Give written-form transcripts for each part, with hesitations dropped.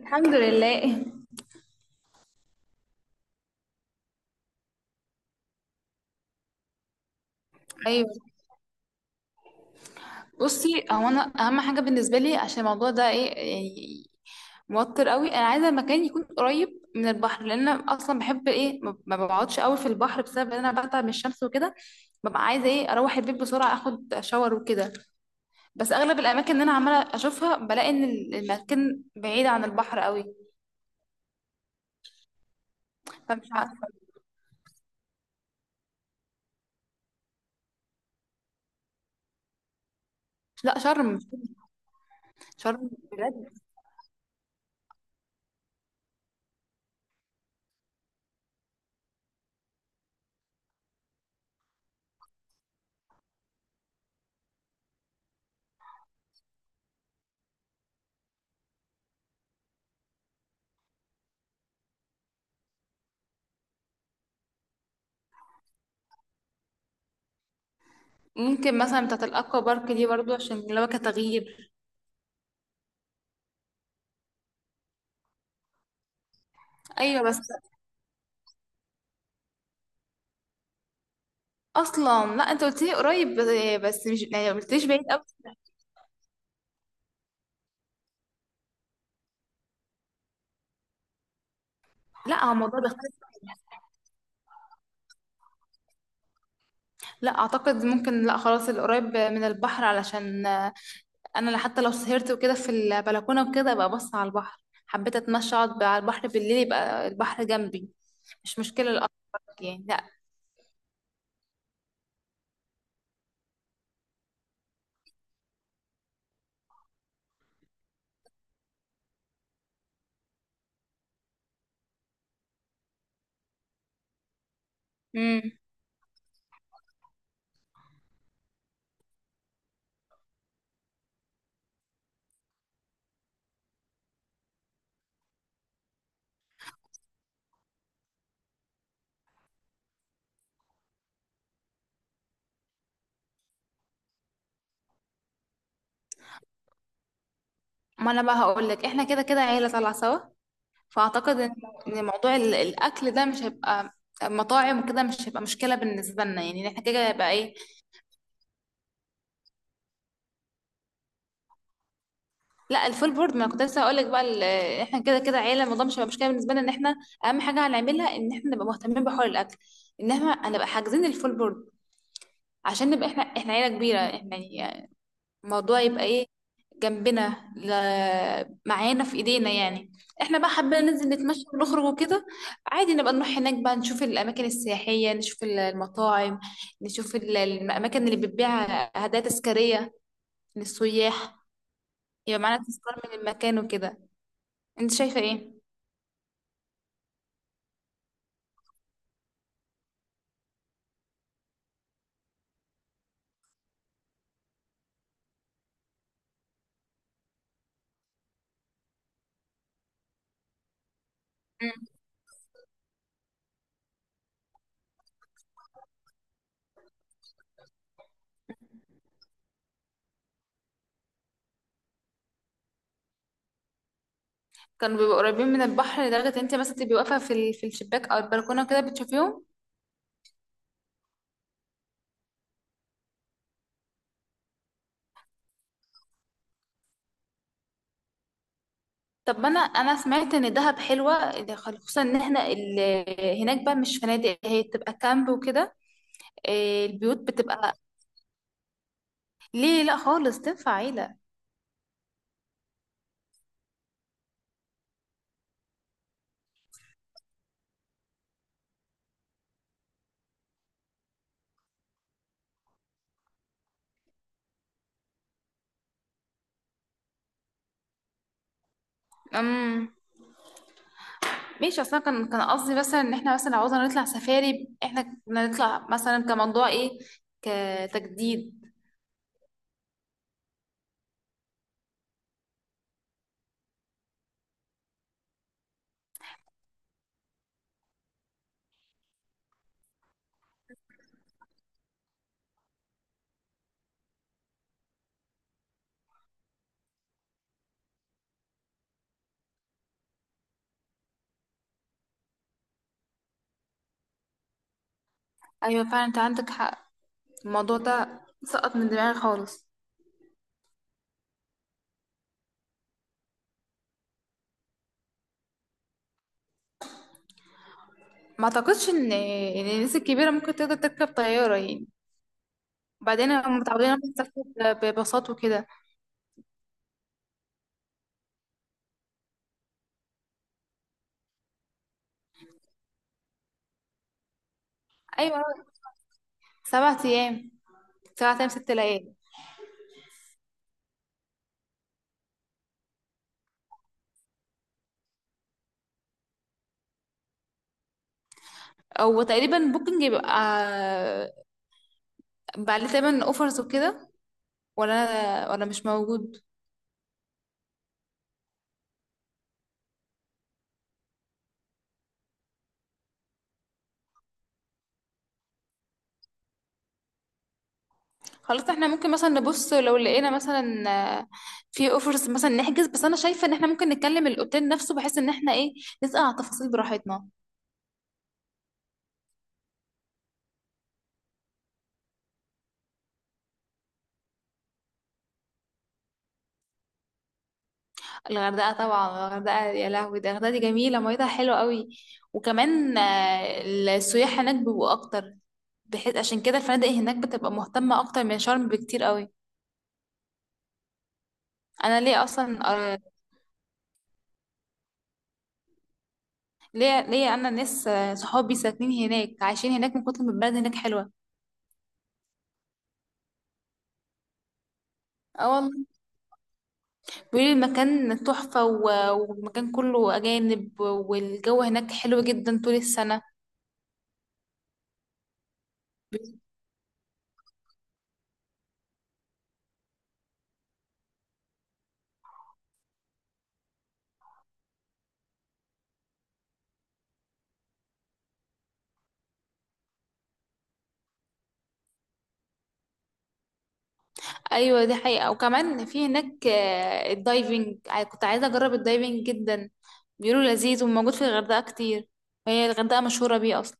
الحمد لله. ايوه. بصي، هو انا اهم حاجه بالنسبه لي عشان الموضوع ده ايه، موتر قوي. انا عايزه مكان يكون قريب من البحر، لان انا اصلا بحب ايه ما بقعدش قوي في البحر بسبب ان انا بتعب من الشمس وكده. ببقى عايزه ايه اروح البيت بسرعه اخد شاور وكده. بس اغلب الاماكن اللي انا عماله اشوفها بلاقي ان المكان بعيد عن البحر قوي. فمش عارفه. لا، شرم. شرم بجد. ممكن مثلا بتاعت الاكوا بارك دي برضو عشان اللي هو كتغيير. ايوه بس. اصلا لا، انت قلت لي قريب، بس مش يعني ما قلتليش بعيد قوي. لا، هو الموضوع بيختلف. لا اعتقد ممكن، لا خلاص القريب من البحر، علشان انا حتى لو سهرت وكده في البلكونه وكده ابقى بص على البحر. حبيت اتمشى اقعد على البحر بالليل يبقى البحر جنبي. مش مشكله الأكبر. يعني لا. امم ما انا بقى هقول لك، احنا كده كده عيله طالعه سوا. فاعتقد إن موضوع الاكل ده مش هيبقى مطاعم وكده، مش هيبقى مشكله بالنسبه لنا، يعني احنا كده يبقى ايه. لا، الفول بورد. ما كنت لسه هقول لك بقى احنا كده كده عيله، الموضوع مش هيبقى مشكله بالنسبه لنا، ان احنا اهم حاجه هنعملها ان احنا نبقى مهتمين بحوار الاكل، ان احنا هنبقى حاجزين الفول بورد عشان نبقى احنا عيله كبيره احنا، يعني الموضوع يبقى ايه جنبنا. معانا في ايدينا يعني. احنا بقى حابين ننزل نتمشى ونخرج وكده. عادي نبقى نروح هناك بقى نشوف الاماكن السياحيه، نشوف المطاعم، نشوف الاماكن اللي بتبيع هدايا تذكاريه للسياح، يبقى معانا تذكار من المكان وكده. انت شايفه ايه؟ مم. كانوا بيبقوا قريبين من البحر لدرجه انت مثلا تبقي واقفه في الشباك او البلكونه كده بتشوفيهم. طب ما انا سمعت ان دهب حلوه، ده خصوصا ان احنا هناك بقى مش فنادق، هي بتبقى كامب وكده. إيه، البيوت بتبقى. ليه؟ لا خالص تنفع عيله. امم ماشي. اصلا كان قصدي مثلا ان احنا مثلا لو عاوزنا نطلع سفاري احنا كنا نطلع مثلا كموضوع ايه كتجديد. ايوه فعلا، انت عندك حق. الموضوع ده سقط من دماغي خالص. ما اعتقدش ان الناس الكبيره ممكن تقدر تركب طياره، يعني وبعدين هم متعودين انهم يسافروا بباصات وكده. ايوه، 7 ايام. 7 ايام 6 ليالي. او تقريبا بوكينج بيبقى عليه تقريبا اوفرز وكده، ولا مش موجود. خلاص احنا ممكن مثلا نبص لو لقينا مثلا آه، في اوفرز مثلا نحجز. بس انا شايفه ان احنا ممكن نتكلم الاوتيل نفسه بحيث ان احنا ايه نسال على التفاصيل براحتنا. الغردقة طبعا، الغردقة يا لهوي، ده الغردقة دي جميلة ميتها حلوة قوي. وكمان السياح هناك بيبقوا أكتر، بحيث عشان كده الفنادق هناك بتبقى مهتمة أكتر من شرم بكتير قوي. أنا ليه أصلا؟ آه، ليه أنا ناس صحابي ساكنين هناك، عايشين هناك من كتر ما البلد هناك حلوة. اه والله، بيقولوا المكان تحفة، والمكان كله أجانب، والجو هناك حلو جدا طول السنة. ايوه دي حقيقة، وكمان في هناك الدايفنج، كنت عايزة اجرب الدايفنج جدا. بيقولوا لذيذ وموجود في الغردقة كتير، وهي الغردقة مشهورة بيه اصلا.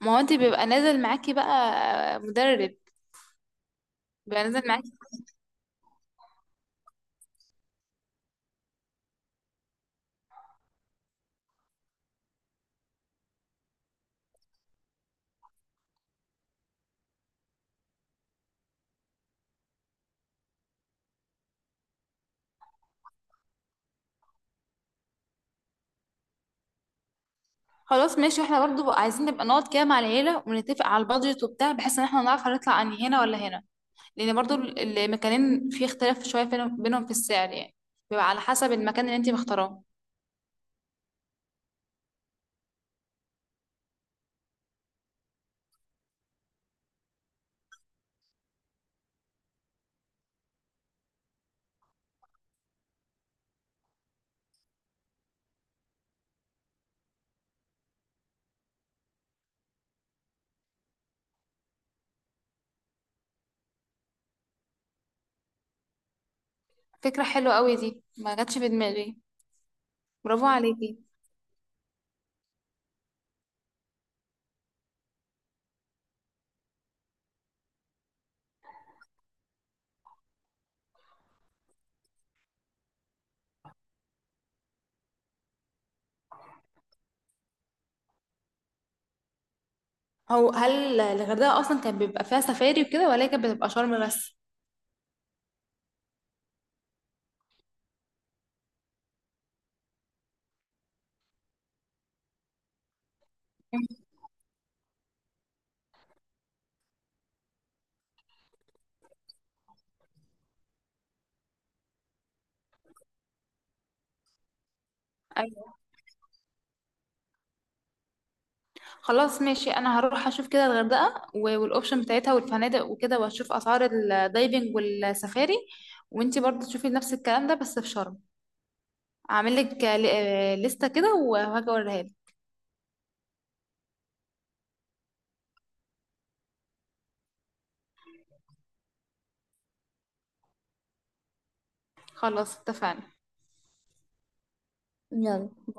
ما هو انت بيبقى نازل معاكي بقى مدرب، بيبقى نازل معاكي. خلاص ماشي، احنا برضو بقى عايزين نبقى نقعد كده مع العيلة ونتفق على البادجت وبتاع، بحيث ان احنا نعرف هنطلع انهي، هنا ولا هنا. لان برضو المكانين في اختلاف شوية بينهم في السعر، يعني بيبقى على حسب المكان اللي انت مختاراه. فكرة حلوة قوي دي، ما جاتش في دماغي. برافو عليكي. هو هل الغردقة أصلا كان بيبقى فيها سفاري وكده، ولا هي كانت بتبقى شرم بس؟ ايوه خلاص ماشي، أنا هروح أشوف كده الغردقة والأوبشن بتاعتها والفنادق وكده، وأشوف أسعار الدايفنج والسفاري. وأنتي برضه تشوفي نفس الكلام ده بس في شرم. أعمل لك لستة كده وهاجي أوريها لك. خلاص اتفقنا. يلا.